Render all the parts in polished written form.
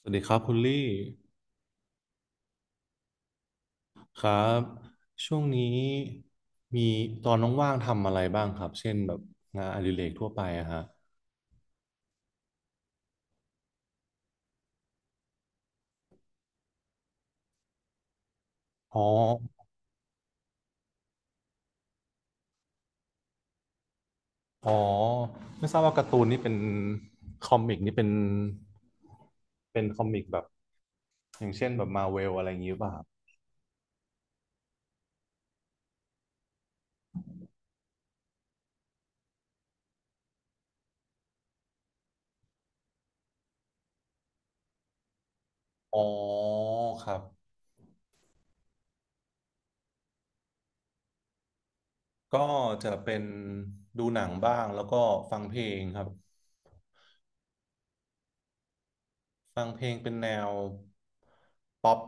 สวัสดีครับคุณลี่ครับช่วงนี้มีตอนว่างๆทำอะไรบ้างครับเช่นแบบงานอดิเรกทั่วไปอะฮะอ๋ออ๋อไม่ทราบว่าการ์ตูนนี่เป็นคอมิกนี่เป็นคอมิกแบบอย่างเช่นแบบมาเวลอะไรอย่างนี้หรือเปล่าครับอ๋อครับก็จะเป็นดูหนังบ้างแล้วก็ฟังเพลงครับฟังเพลงเป็นแนวป๊อป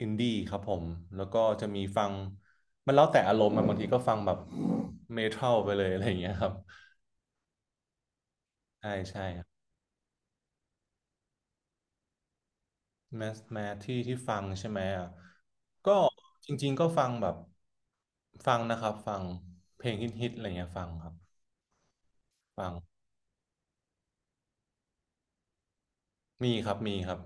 อินดี้ครับผมแล้วก็จะมีฟังมันแล้วแต่อารมณ์อะบางทีก็ฟังแบบเมทัลไปเลยอะไรอย่างเงี้ยครับใช่ใช่ครับแมสแมสที่ฟังใช่ไหมอ่ะก็จริงๆก็ฟังแบบฟังนะครับฟังเพลงฮิตๆอะไรเงี้ยฟังครับฟังมีครับมีครับ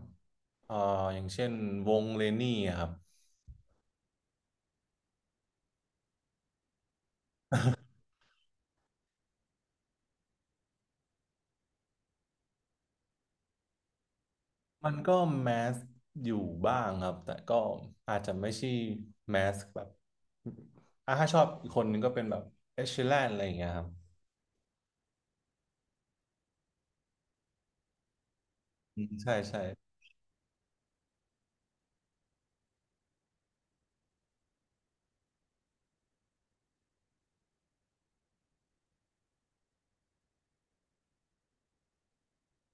เอ่ออย่างเช่นวงเลนนี่ครับ มันก็แมสอยู่บ้างครับแต่ก็อาจจะไม่ใช่แมสแบบอ่ะถ้าชอบอีกคนนึงก็เป็นแบบเอชแลนอะไรอย่างเงี้ยครับอืมใช่ใช่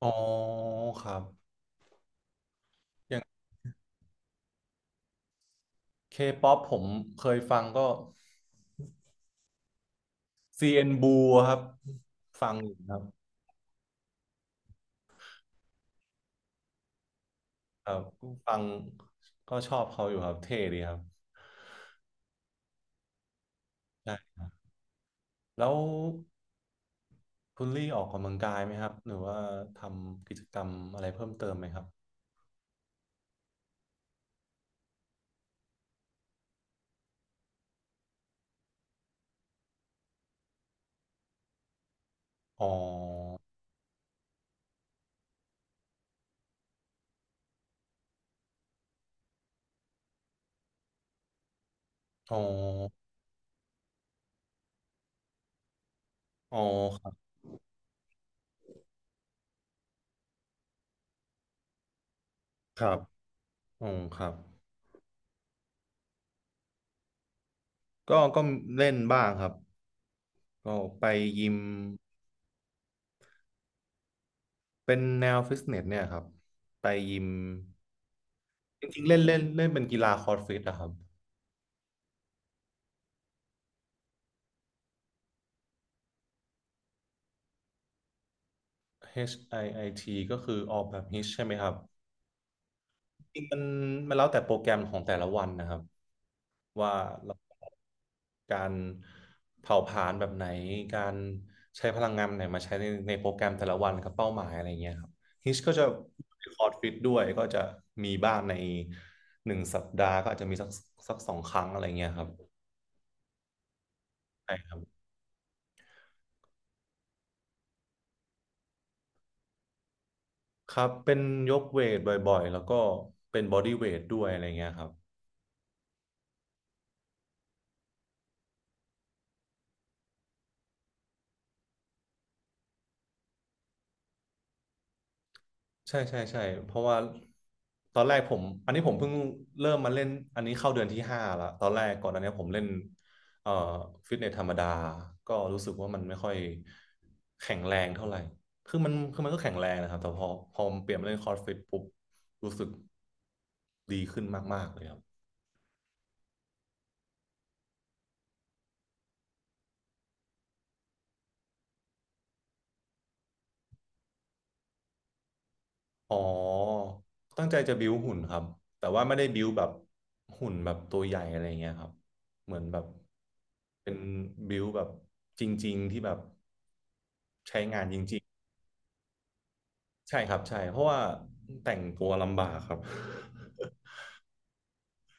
อ๋อครับอย่างเคป๊อปผมเคยฟังก็ CN Blue ครับฟังอยู่ครับครับฟังก็ชอบเขาอยู่ครับเท่ดีครับใช่แล้วคุณลี่ออกกำลังกายไหมครับหรือว่าทำกิจกรรมอะไรเพิ่มเติมไหมครับอ๋ออ๋อ อ๋อครับครับอ๋อครับก็เล่นบ้างครับก็ไปยิมเป็นแนวฟิตเนสเนี่ยครับไปยิมจริงๆเล่นเล่นเล่นเป็นกีฬาคอร์ดฟิตนะครับ HIIT ก็คือออกแบบฮิตใช่ไหมครับ จริงๆมันแล้วแต่โปรแกรมของแต่ละวันนะครับว่าเราการเผาผลาญแบบไหนการใช้พลังงานแบบไหนมาใช้ในโปรแกรมแต่ละวันกับเป้าหมายอะไรเงี้ยครับฮิชก็จะรีคอร์ดฟิตด้วยก็จะมีบ้างใน1 สัปดาห์ก็อาจจะมีสัก2 ครั้งอะไรเงี้ยครับใช่ครับครับเป็นยกเวทบ่อยๆแล้วก็เป็นบอดี้เวทด้วยอะไรเงี้ยครับ ใช่ใช่ใช่เพราะว่าตอนแรกผมอันนี้ผมเพิ่งเริ่มมาเล่นอันนี้เข้าเดือนที่ 5ละตอนแรกก่อนอันเนี้ยผมเล่นเอ่อฟิตเนสธรรมดาก็รู้สึกว่ามันไม่ค่อยแข็งแรงเท่าไหร่คือมันก็แข็งแรงนะครับแต่พอเปลี่ยนมาเล่นคอร์สฟิตปุ๊บรู้สึกดีขึ้นมากๆเลยครับอ๋อตั้งใจจะบิ้วหุ่นครับแต่ว่าไม่ได้บิ้วแบบหุ่นแบบตัวใหญ่อะไรเงี้ยครับเหมือนแบบเป็นบิ้วแบบจริงๆที่แบบ ใช้งานจริงๆใช่ครับใช่เพราะว่าแต่งตัวลำบากครับ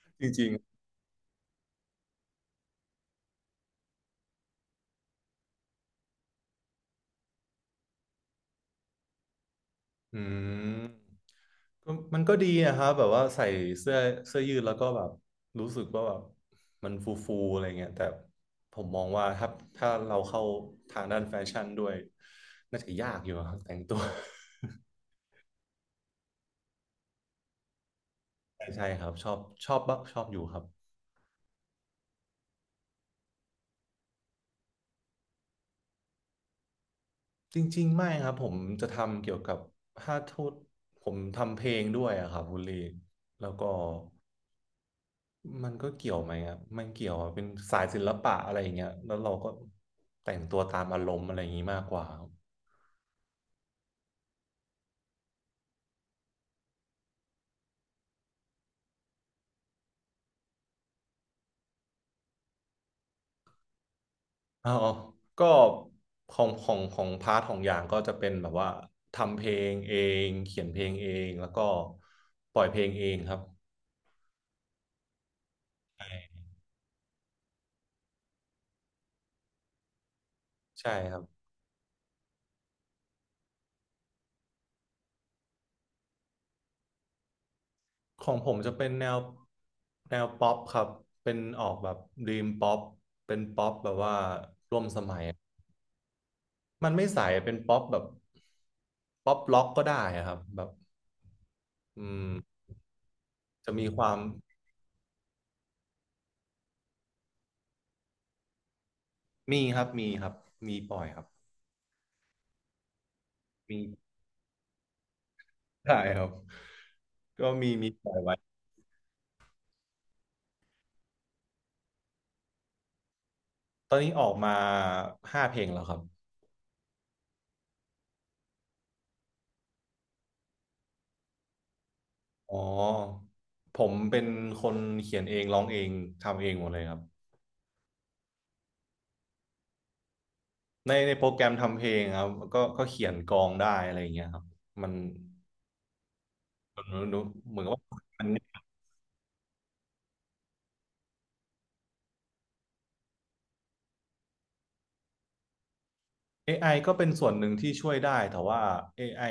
จริงๆมก็มันก็ดีนะครับแบบว่าใส่เสื้อเสื้อยืดแล้วก็แบบรู้สึกว่าแบบมันฟูฟูอะไรเงี้ยแต่ผมมองว่าถ้าเราเข้าทางด้านแฟชั่นด้วยน่าจะยากอยู่ครับแต่งตัว ใช่ใช่ครับชอบบ้างชอบอยู่ครับจริงๆไม่ครับผมจะทำเกี่ยวกับถ้าโทษผมทำเพลงด้วยอะครับคุณลีแล้วก็ มันก็เกี่ยวไหมครับมันเกี่ยวอะเป็นสายศิลปะอะไรอย่างเงี้ยแล้วเราก็แต่งตัวตามอารมณ์อะไรอย่างงี้มากกว่าครับอ๋อก็ของพาร์ทของอย่างก็จะเป็นแบบว่าทำเพลงเองเขียนเพลงเองแล้วก็ปล่อยเพลงเองครับใช่ครับของผมจะเป็นแนวป๊อปครับเป็นออกแบบด e ีมป๊อปเป็นป๊อปแบบว่าร่วมสมัยมันไม่ใสเป็นป๊อปแบบป๊อปล็อกก็ได้อะครับแบบอืม จะมีความมีครับมีครับมีปล่อยครับมีใช่ครับก็มีปล่อยไว้ตอนนี้ออกมา5 เพลงแล้วครับอ๋อผมเป็นคนเขียนเองร้องเองทำเองหมดเลยครับในโปรแกรมทำเพลงครับก็เขียนกลองได้อะไรอย่างเงี้ยครับมันมันมันเหมือนกับว่ามัน AI ก็เป็นส่วนหนึ่งที่ช่วยได้แต่ว่า AI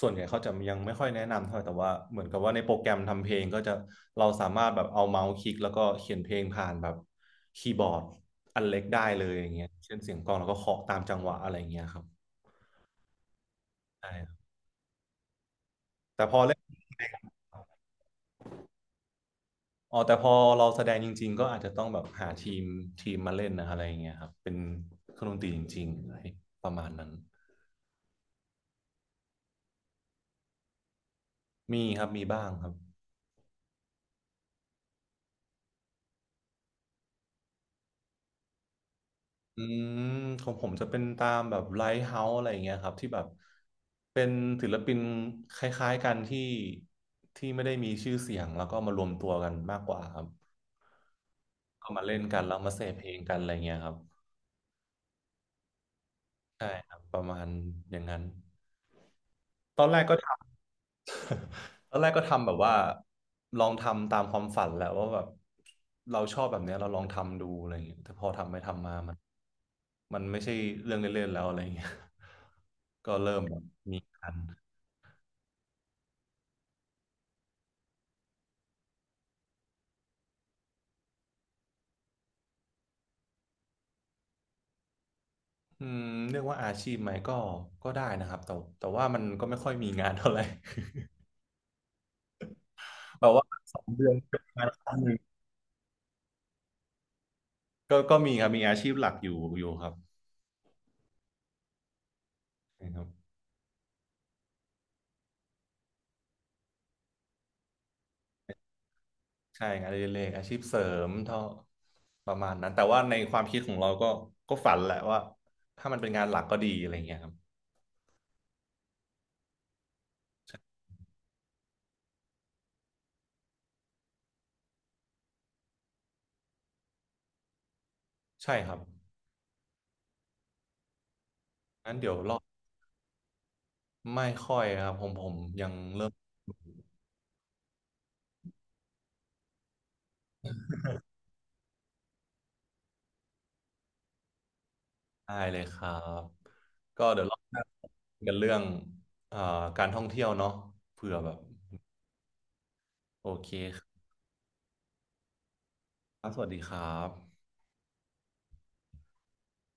ส่วนใหญ่เขาจะยังไม่ค่อยแนะนำเท่าไหร่แต่ว่าเหมือนกับว่าในโปรแกรมทำเพลงก็จะเราสามารถแบบเอาเมาส์คลิกแล้วก็เขียนเพลงผ่านแบบคีย์บอร์ดอันเล็กได้เลยอย่างเงี้ยเช่นเสียงกลองแล้วก็เคาะตามจังหวะอะไรอย่างเงี้ยครับใช่ครับแต่พอแต่พอเราแสดงจริงๆก็อาจจะต้องแบบหาทีมมาเล่นนะอะไรอย่างเงี้ยครับเป็นเครื่องดนตรีจริงๆอะไรประมาณนั้นมีครับมีบ้างครับ อืมของผมจะเป็นตามแบบไลท์เฮาส์อะไรอย่างเงี้ยครับที่แบบเป็นศิลปินคล้ายๆกันที่ไม่ได้มีชื่อเสียงแล้วก็มารวมตัวกันมากกว่าครับก็มาเล่นกันแล้วมาเสพเพลงกันอะไรเงี้ยครับใช่ครับประมาณอย่างนั้นตอนแรกก็ตอนแรกก็ทำแบบว่าลองทำตามความฝันแหละว่าแบบเราชอบแบบเนี้ยเราลองทำดูอะไรอย่างเงี้ยแต่พอทำไปทำมามันไม่ใช่เรื่องเล่นๆแล้วอะไรอย่างเงี้ย ก็เริ่มแบบมีงานอืมเรียกว่าอาชีพไหมก็ได้นะครับแต่ว่ามันก็ไม่ค่อยมีงานเท่าไหร่ แบบว่า2 เดือน เป็นงานครั้งหนึ่งก็มีครับมีอาชีพหลักอยู่ครับใช่ครับ ใช่งานอดิเรกอาชีพเสริมเท่าประมาณนั้นแต่ว่าในความคิดของเราก็ฝันแหละว่าถ้ามันเป็นงานหลักก็ดีอะไรเงี้ยครับใช่ครับงั้นเดี๋ยวรอบไม่ค่อยครับผมยังเริ่มได้เลยครับก็เดี๋ยวรอบหน้ากันเรื่องเอ่อการท่องเที่ยวเนาะเผื่อแบบโอเคครับสวัสดีครับ